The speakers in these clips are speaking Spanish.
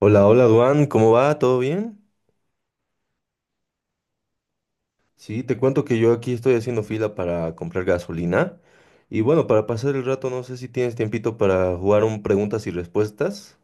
Hola, hola, Duan, ¿cómo va? ¿Todo bien? Sí, te cuento que yo aquí estoy haciendo fila para comprar gasolina. Y bueno, para pasar el rato, no sé si tienes tiempito para jugar un preguntas y respuestas.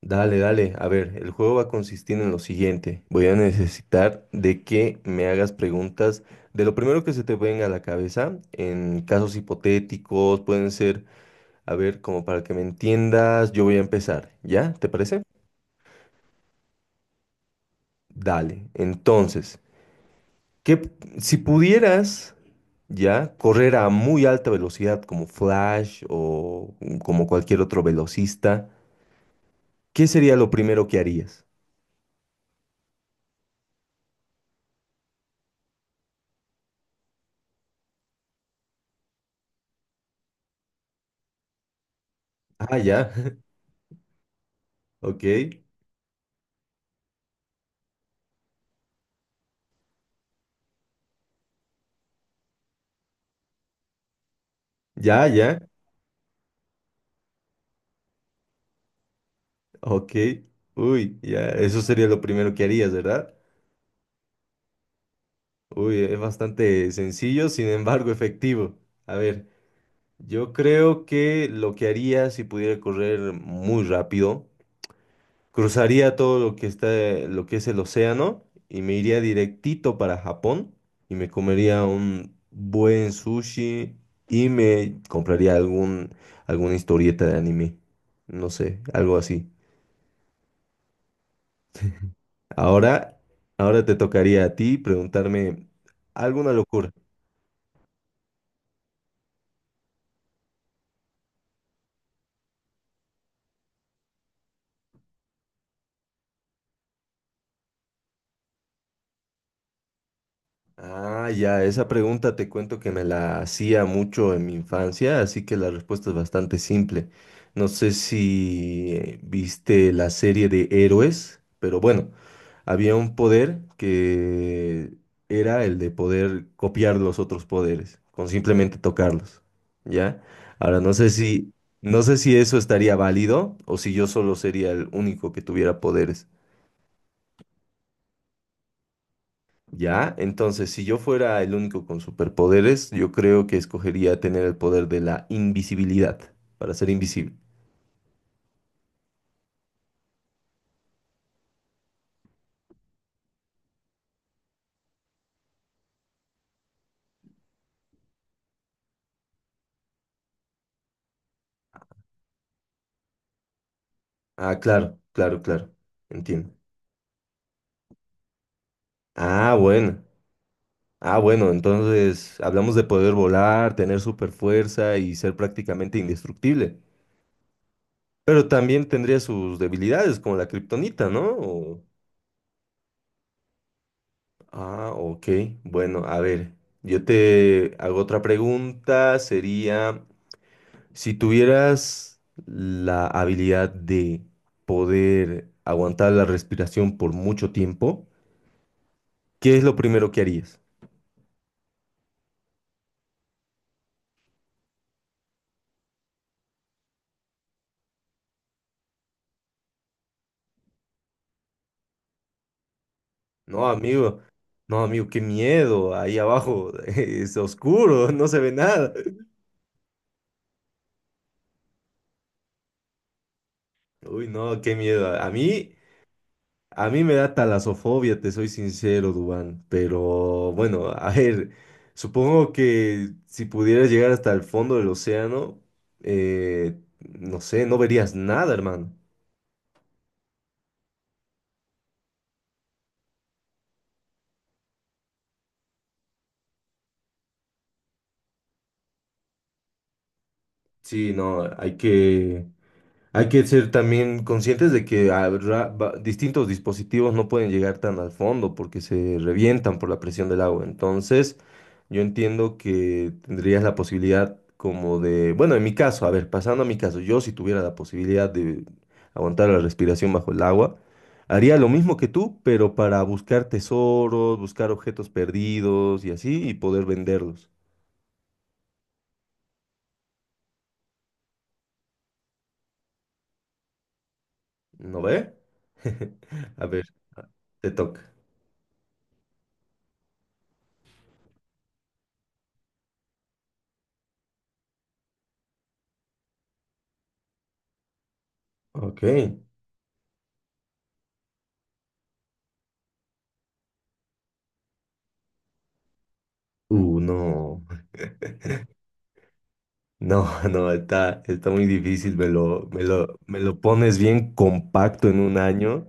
Dale, dale. A ver, el juego va a consistir en lo siguiente. Voy a necesitar de que me hagas preguntas de lo primero que se te venga a la cabeza, en casos hipotéticos, pueden ser, a ver, como para que me entiendas, yo voy a empezar, ¿ya? ¿Te parece? Dale. Entonces. Que si pudieras ya correr a muy alta velocidad como Flash o como cualquier otro velocista, ¿qué sería lo primero que harías? Ah, ya, ok, ya, ya, ok, uy, ya, eso sería lo primero que harías, ¿verdad? Uy, es bastante sencillo, sin embargo efectivo. A ver, yo creo que lo que haría si pudiera correr muy rápido. Cruzaría todo lo que es el océano y me iría directito para Japón y me comería un buen sushi y me compraría alguna historieta de anime. No sé, algo así. Ahora, ahora te tocaría a ti preguntarme alguna locura. Ah, ya, esa pregunta te cuento que me la hacía mucho en mi infancia, así que la respuesta es bastante simple. No sé si viste la serie de héroes, pero bueno, había un poder que era el de poder copiar los otros poderes, con simplemente tocarlos, ¿ya? Ahora, no sé si eso estaría válido o si yo solo sería el único que tuviera poderes. ¿Ya? Entonces, si yo fuera el único con superpoderes, yo creo que escogería tener el poder de la invisibilidad para ser invisible. Ah, claro, claro, claro. Entiendo. Ah, bueno. Ah, bueno, entonces hablamos de poder volar, tener super fuerza y ser prácticamente indestructible. Pero también tendría sus debilidades, como la kriptonita, ¿no? Ah, ok. Bueno, a ver. Yo te hago otra pregunta. Sería. Si tuvieras la habilidad de poder aguantar la respiración por mucho tiempo, ¿qué es lo primero que harías? No, amigo, no, amigo, qué miedo. Ahí abajo es oscuro, no se ve nada. Uy, no, qué miedo. A mí me da talasofobia, te soy sincero, Dubán. Pero bueno, a ver, supongo que si pudieras llegar hasta el fondo del océano, eh, no sé, no verías nada, hermano. Sí, no, hay que ser también conscientes de que habrá distintos dispositivos no pueden llegar tan al fondo porque se revientan por la presión del agua. Entonces, yo entiendo que tendrías la posibilidad como de, bueno, en mi caso, a ver, pasando a mi caso, yo si tuviera la posibilidad de aguantar la respiración bajo el agua, haría lo mismo que tú, pero para buscar tesoros, buscar objetos perdidos y así, y poder venderlos. ¿No ve? A ver, te toca. Ok. No, no, no, está, está muy difícil, me lo pones bien compacto en un año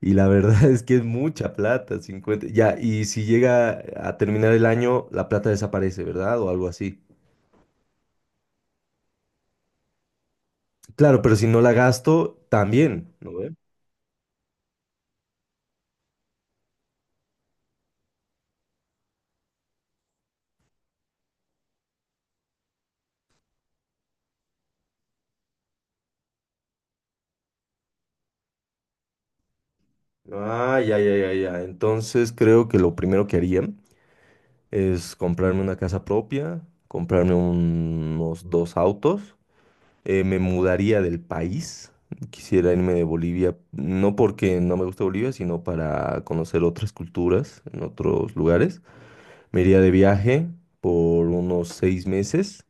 y la verdad es que es mucha plata, 50. Ya, y si llega a terminar el año, la plata desaparece, ¿verdad? O algo así. Claro, pero si no la gasto, también, ¿no ve? Ah, ya, ya, ya, ya. Entonces creo que lo primero que haría es comprarme una casa propia, comprarme unos dos autos. Me mudaría del país. Quisiera irme de Bolivia, no porque no me gusta Bolivia, sino para conocer otras culturas en otros lugares. Me iría de viaje por unos 6 meses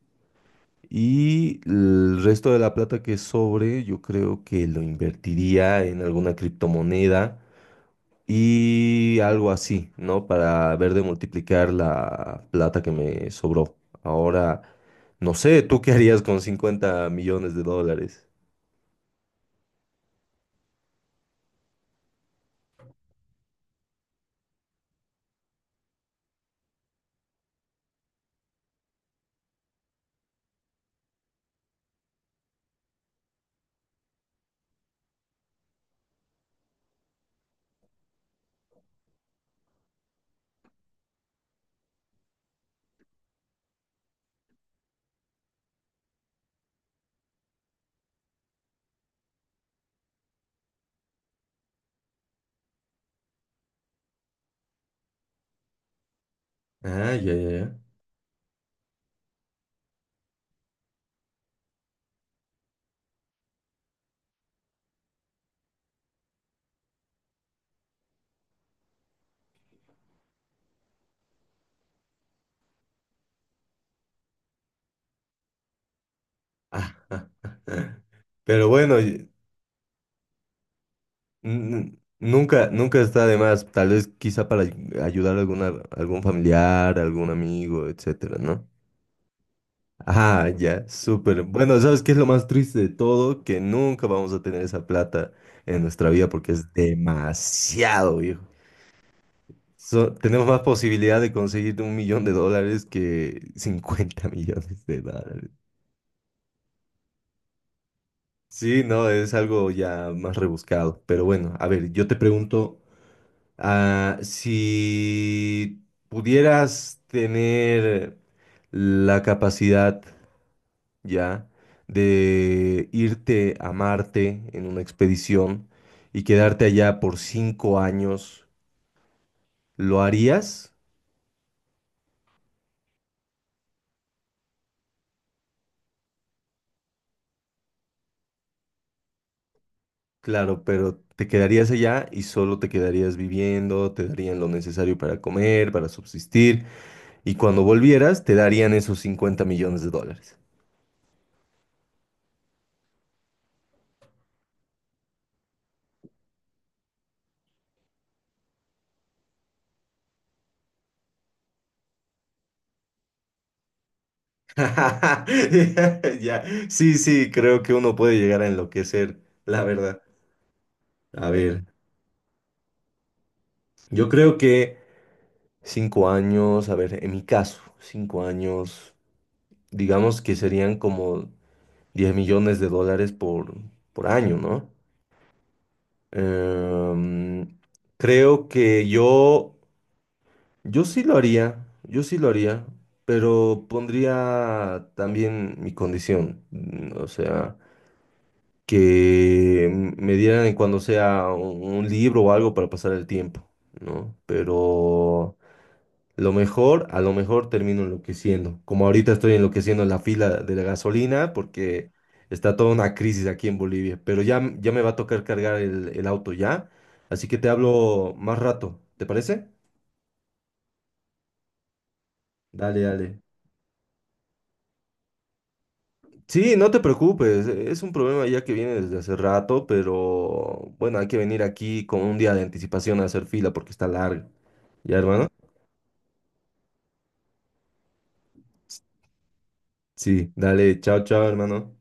y el resto de la plata que sobre, yo creo que lo invertiría en alguna criptomoneda y algo así, ¿no? Para ver de multiplicar la plata que me sobró. Ahora, no sé, ¿tú qué harías con 50 millones de dólares? Ah, ya, ya, ya. Ah, ah, ah, ah. Pero bueno, nunca, nunca está de más. Tal vez quizá para ayudar a alguna, algún familiar, algún amigo, etcétera, ¿no? Ah, ya, súper. Bueno, ¿sabes qué es lo más triste de todo? Que nunca vamos a tener esa plata en nuestra vida porque es demasiado, viejo. Tenemos más posibilidad de conseguir un millón de dólares que 50 millones de dólares. Sí, no, es algo ya más rebuscado. Pero bueno, a ver, yo te pregunto, ah, si pudieras tener la capacidad ya de irte a Marte en una expedición y quedarte allá por 5 años, ¿lo harías? Claro, pero te quedarías allá y solo te quedarías viviendo, te darían lo necesario para comer, para subsistir. Y cuando volvieras, te darían esos 50 millones de dólares. Ya, sí, sí, creo que uno puede llegar a enloquecer, la verdad. A ver, yo creo que 5 años, a ver, en mi caso, 5 años, digamos que serían como 10 millones de dólares por año, ¿no? Em, creo que yo sí lo haría, yo sí lo haría, pero pondría también mi condición, o sea, que me dieran cuando sea un libro o algo para pasar el tiempo, ¿no? Pero lo mejor, a lo mejor termino enloqueciendo, como ahorita estoy enloqueciendo en la fila de la gasolina porque está toda una crisis aquí en Bolivia, pero ya, ya me va a tocar cargar el auto ya, así que te hablo más rato, ¿te parece? Dale, dale. Sí, no te preocupes, es un problema ya que viene desde hace rato, pero bueno, hay que venir aquí con un día de anticipación a hacer fila porque está largo. ¿Ya, hermano? Sí, dale, chao, chao, hermano.